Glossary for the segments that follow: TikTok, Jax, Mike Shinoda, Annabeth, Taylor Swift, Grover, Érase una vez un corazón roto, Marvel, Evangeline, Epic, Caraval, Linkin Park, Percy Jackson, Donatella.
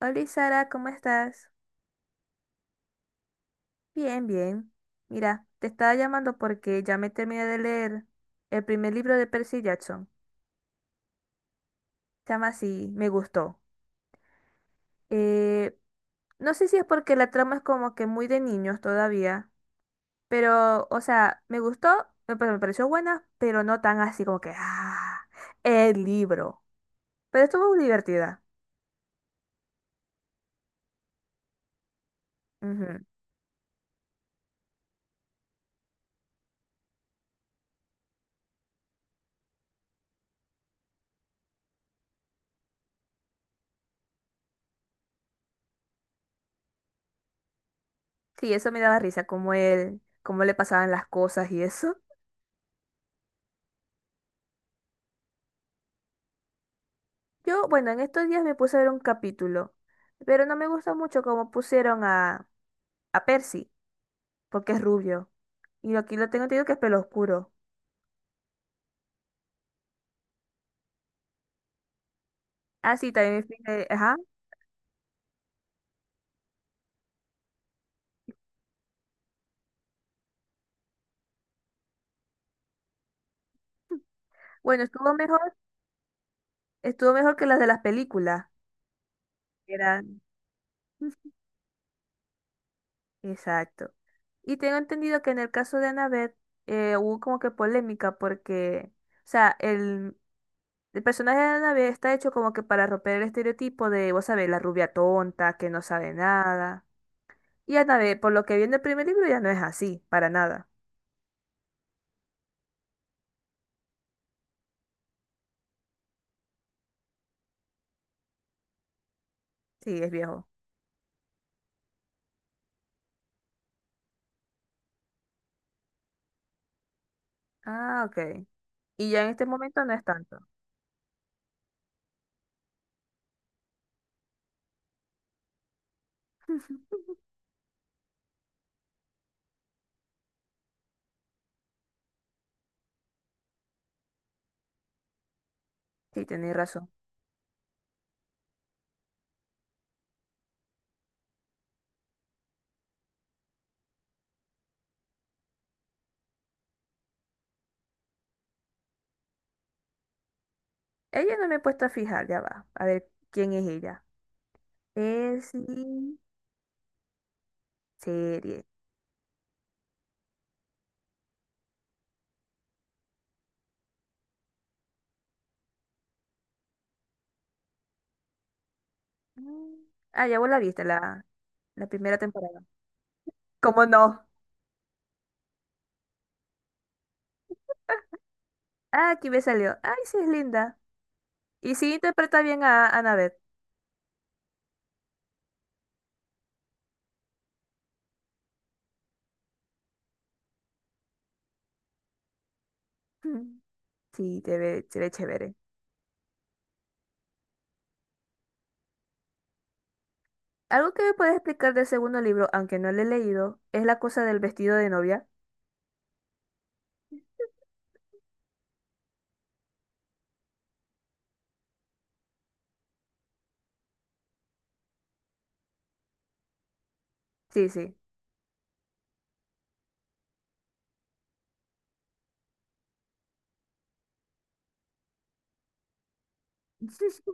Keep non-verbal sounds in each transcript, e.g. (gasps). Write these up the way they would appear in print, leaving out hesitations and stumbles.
Hola Sara, ¿cómo estás? Bien, bien. Mira, te estaba llamando porque ya me terminé de leer el primer libro de Percy Jackson. Se llama así, me gustó. Eh, no sé si es porque la trama es como que muy de niños todavía, pero, o sea, me gustó, me pareció buena, pero no tan así como que, ah, el libro. Pero estuvo muy divertida. Ujú. Sí, eso me daba risa, como él, cómo le pasaban las cosas y eso. Yo, bueno, en estos días me puse a ver un capítulo, pero no me gusta mucho cómo pusieron a Percy, porque es rubio. Y aquí lo tengo entendido que es pelo oscuro. Ah, sí, también me fijé, ajá. Bueno, estuvo mejor que las de las películas. Eran. (laughs) Exacto. Y tengo entendido que en el caso de Annabeth hubo como que polémica porque, o sea, el personaje de Annabeth está hecho como que para romper el estereotipo de, vos sabés, la rubia tonta, que no sabe nada. Y Anabel, por lo que vi en el primer libro, ya no es así, para nada. Sí, es viejo. Ah, ok. Y ya en este momento no es tanto. (laughs) Sí, tenéis razón. Ella no me he puesto a fijar, ya va. A ver, ¿quién es ella? Es serie. Mm. Ah, ya vos la viste, la primera temporada. ¿Cómo no? Ah, aquí me salió. Ay, sí, es linda. Y sí interpreta bien a Annabeth. (laughs) Mm. Sí, se ve chévere. Algo que me puedes explicar del segundo libro, aunque no lo he leído, es la cosa del vestido de novia. Sí, sí. Sí, sí.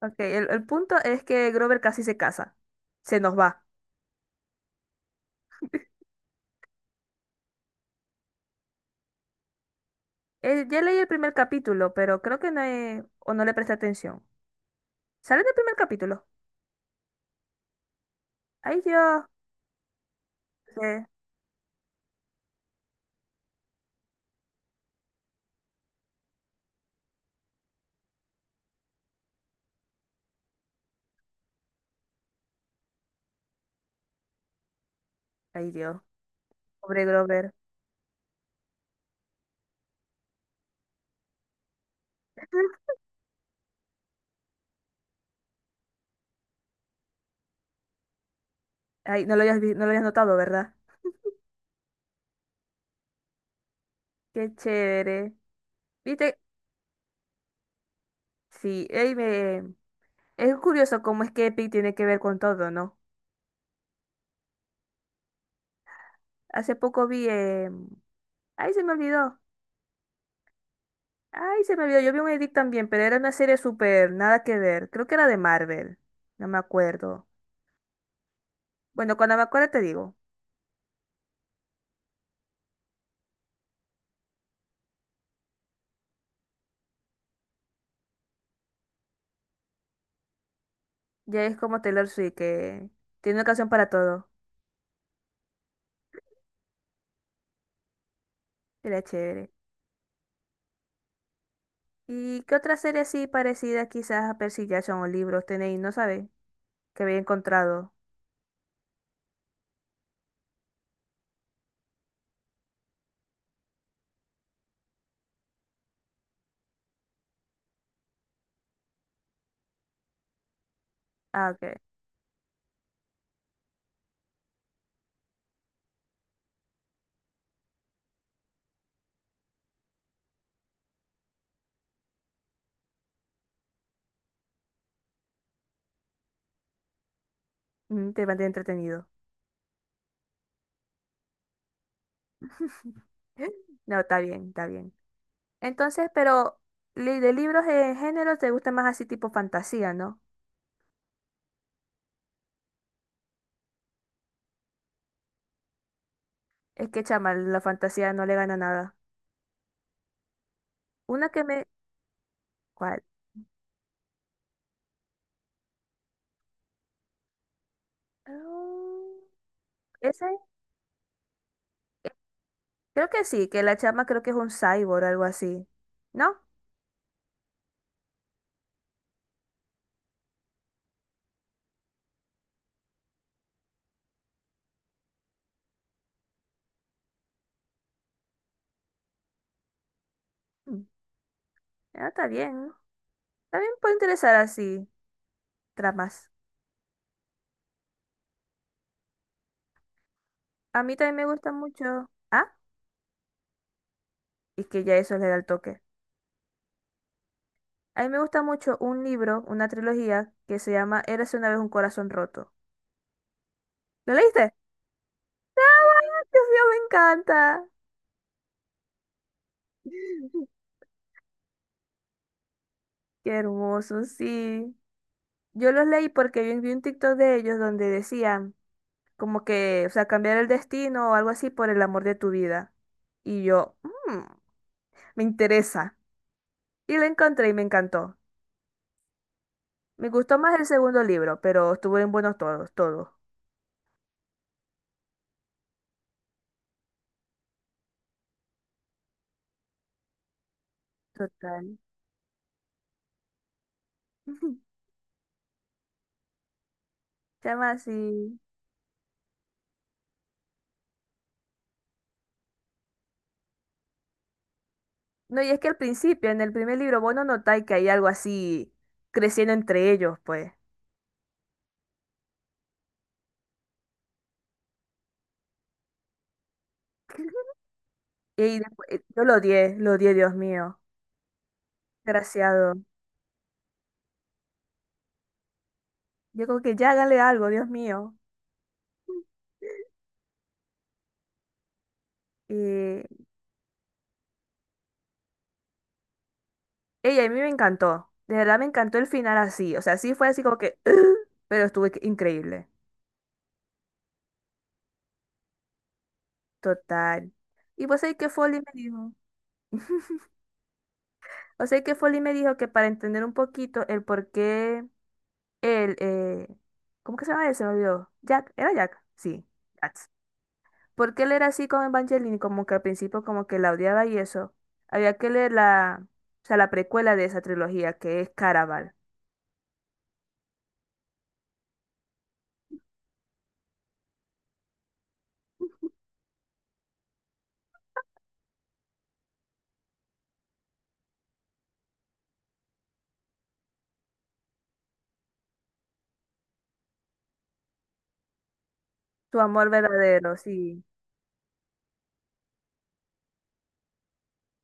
Ok, el punto es que Grover casi se casa. Se nos va. Ya leí el primer capítulo, pero creo que o no le presté atención. Sale en el primer capítulo. Ay, Dios. Eh, Ay, Dios. Pobre Grover. (laughs) Ay, no lo habías notado, ¿verdad? Qué chévere. ¿Viste? Sí, ey, me... es curioso cómo es que Epic tiene que ver con todo, ¿no? Hace poco vi... Ay, se me olvidó. Ay, se me olvidó, yo vi un edit también, pero era una serie súper, nada que ver. Creo que era de Marvel, no me acuerdo. Bueno, cuando me acuerdo te digo. Ya es como Taylor Swift, que tiene una canción para todo. Era chévere. ¿Y qué otra serie así parecida quizás a Percy Jackson o libros tenéis? No sabéis que había encontrado. Ah, ok. Mm, te mantiene entretenido. (laughs) No, está bien, está bien. Entonces, pero de libros en género te gusta más así tipo fantasía, ¿no? Es que chama, la fantasía no le gana nada. Una que me... ¿Cuál? Mm, Esa es- Creo que sí, que la chama creo que es un cyborg o algo así. ¿No? Mm, ah, está bien. También puede interesar así tramas. A mí también me gusta mucho... Ah, y que ya eso le da el toque. A mí me gusta mucho un libro, una trilogía, que se llama Érase una vez un corazón roto. ¿Lo leíste? (laughs) Dios mío, me encanta. (laughs) Qué hermoso, sí. Yo los leí porque vi un TikTok de ellos donde decían... como que, o sea, cambiar el destino o algo así por el amor de tu vida. Y yo, "Mm, me interesa. Y la encontré y me encantó. Me gustó más el segundo libro, pero estuvieron buenos todos, todos. Total. (laughs) Chama así. No, y es que al principio, en el primer libro, vos no notáis que hay algo así creciendo entre ellos, pues. (laughs) Y después, yo lo odié, Dios mío. Desgraciado. Yo como que ya hágale algo, Dios mío. Y Ella, a mí me encantó. De verdad me encantó el final así. O sea, sí fue así como que, (gasps) (clears throat) pero estuvo increíble. Total. Y pues ahí que Foley me dijo. (laughs) O sea que Foley me dijo que para entender un poquito el por qué él, ¿cómo que se llama él? Se me olvidó. Jack, ¿era Jack? Sí, Jax. ¿Por él era así con Evangeline? Como que al principio como que la odiaba y eso. Había que leer o sea, la precuela de esa trilogía, que es Caraval. Su amor verdadero, sí.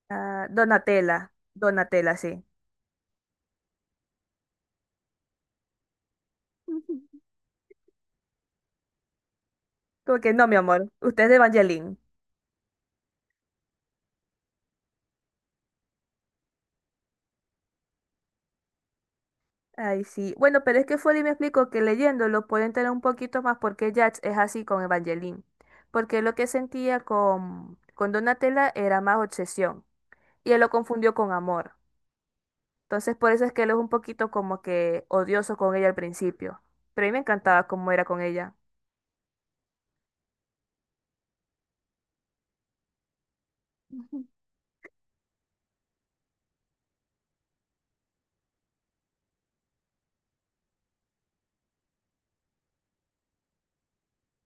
Ah, Donatella, Donatella, sí. (laughs) Ujú. Como que no, mi amor, usted es de Evangeline. Ay, sí. Bueno, pero es que Foley me explicó que leyéndolo pueden tener un poquito más porque Jax es así con Evangeline. Porque lo que sentía con Donatella era más obsesión. Y él lo confundió con amor. Entonces, por eso es que él es un poquito como que odioso con ella al principio. Pero a mí me encantaba cómo era con ella.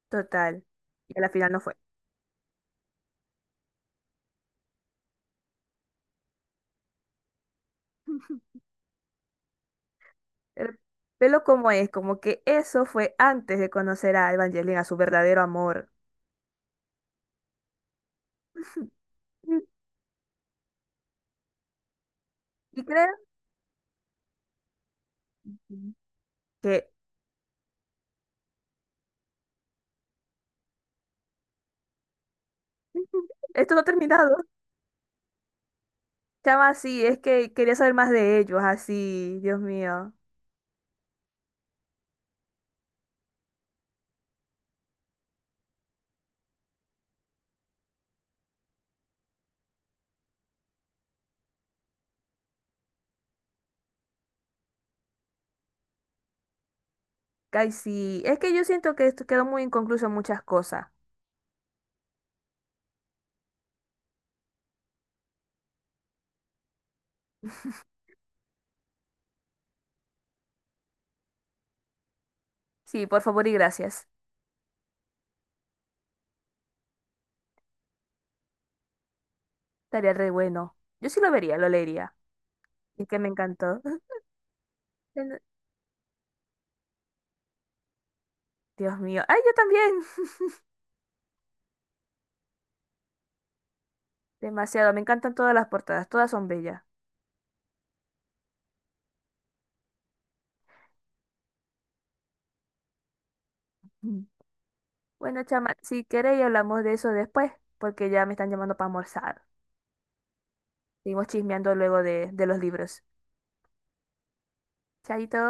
Total. Y a la final no fue. (laughs) El pelo como es, como que eso fue antes de conocer a Evangeline, a su verdadero amor. (laughs) Y creo Ujú. Que (laughs) esto no ha terminado. Chama, sí, es que quería saber más de ellos, así, Dios mío. Ay, sí, es que yo siento que esto quedó muy inconcluso en muchas cosas. Sí, por favor y gracias. Estaría re bueno. Yo sí lo vería, lo leería. Es que me encantó. (laughs) Ten- Dios mío. Ay, yo también. Demasiado, me encantan todas las portadas, todas son bellas. Mm. Bueno, chama, si queréis hablamos de eso después, porque ya me están llamando para almorzar. Seguimos chismeando luego de los libros. Chaito.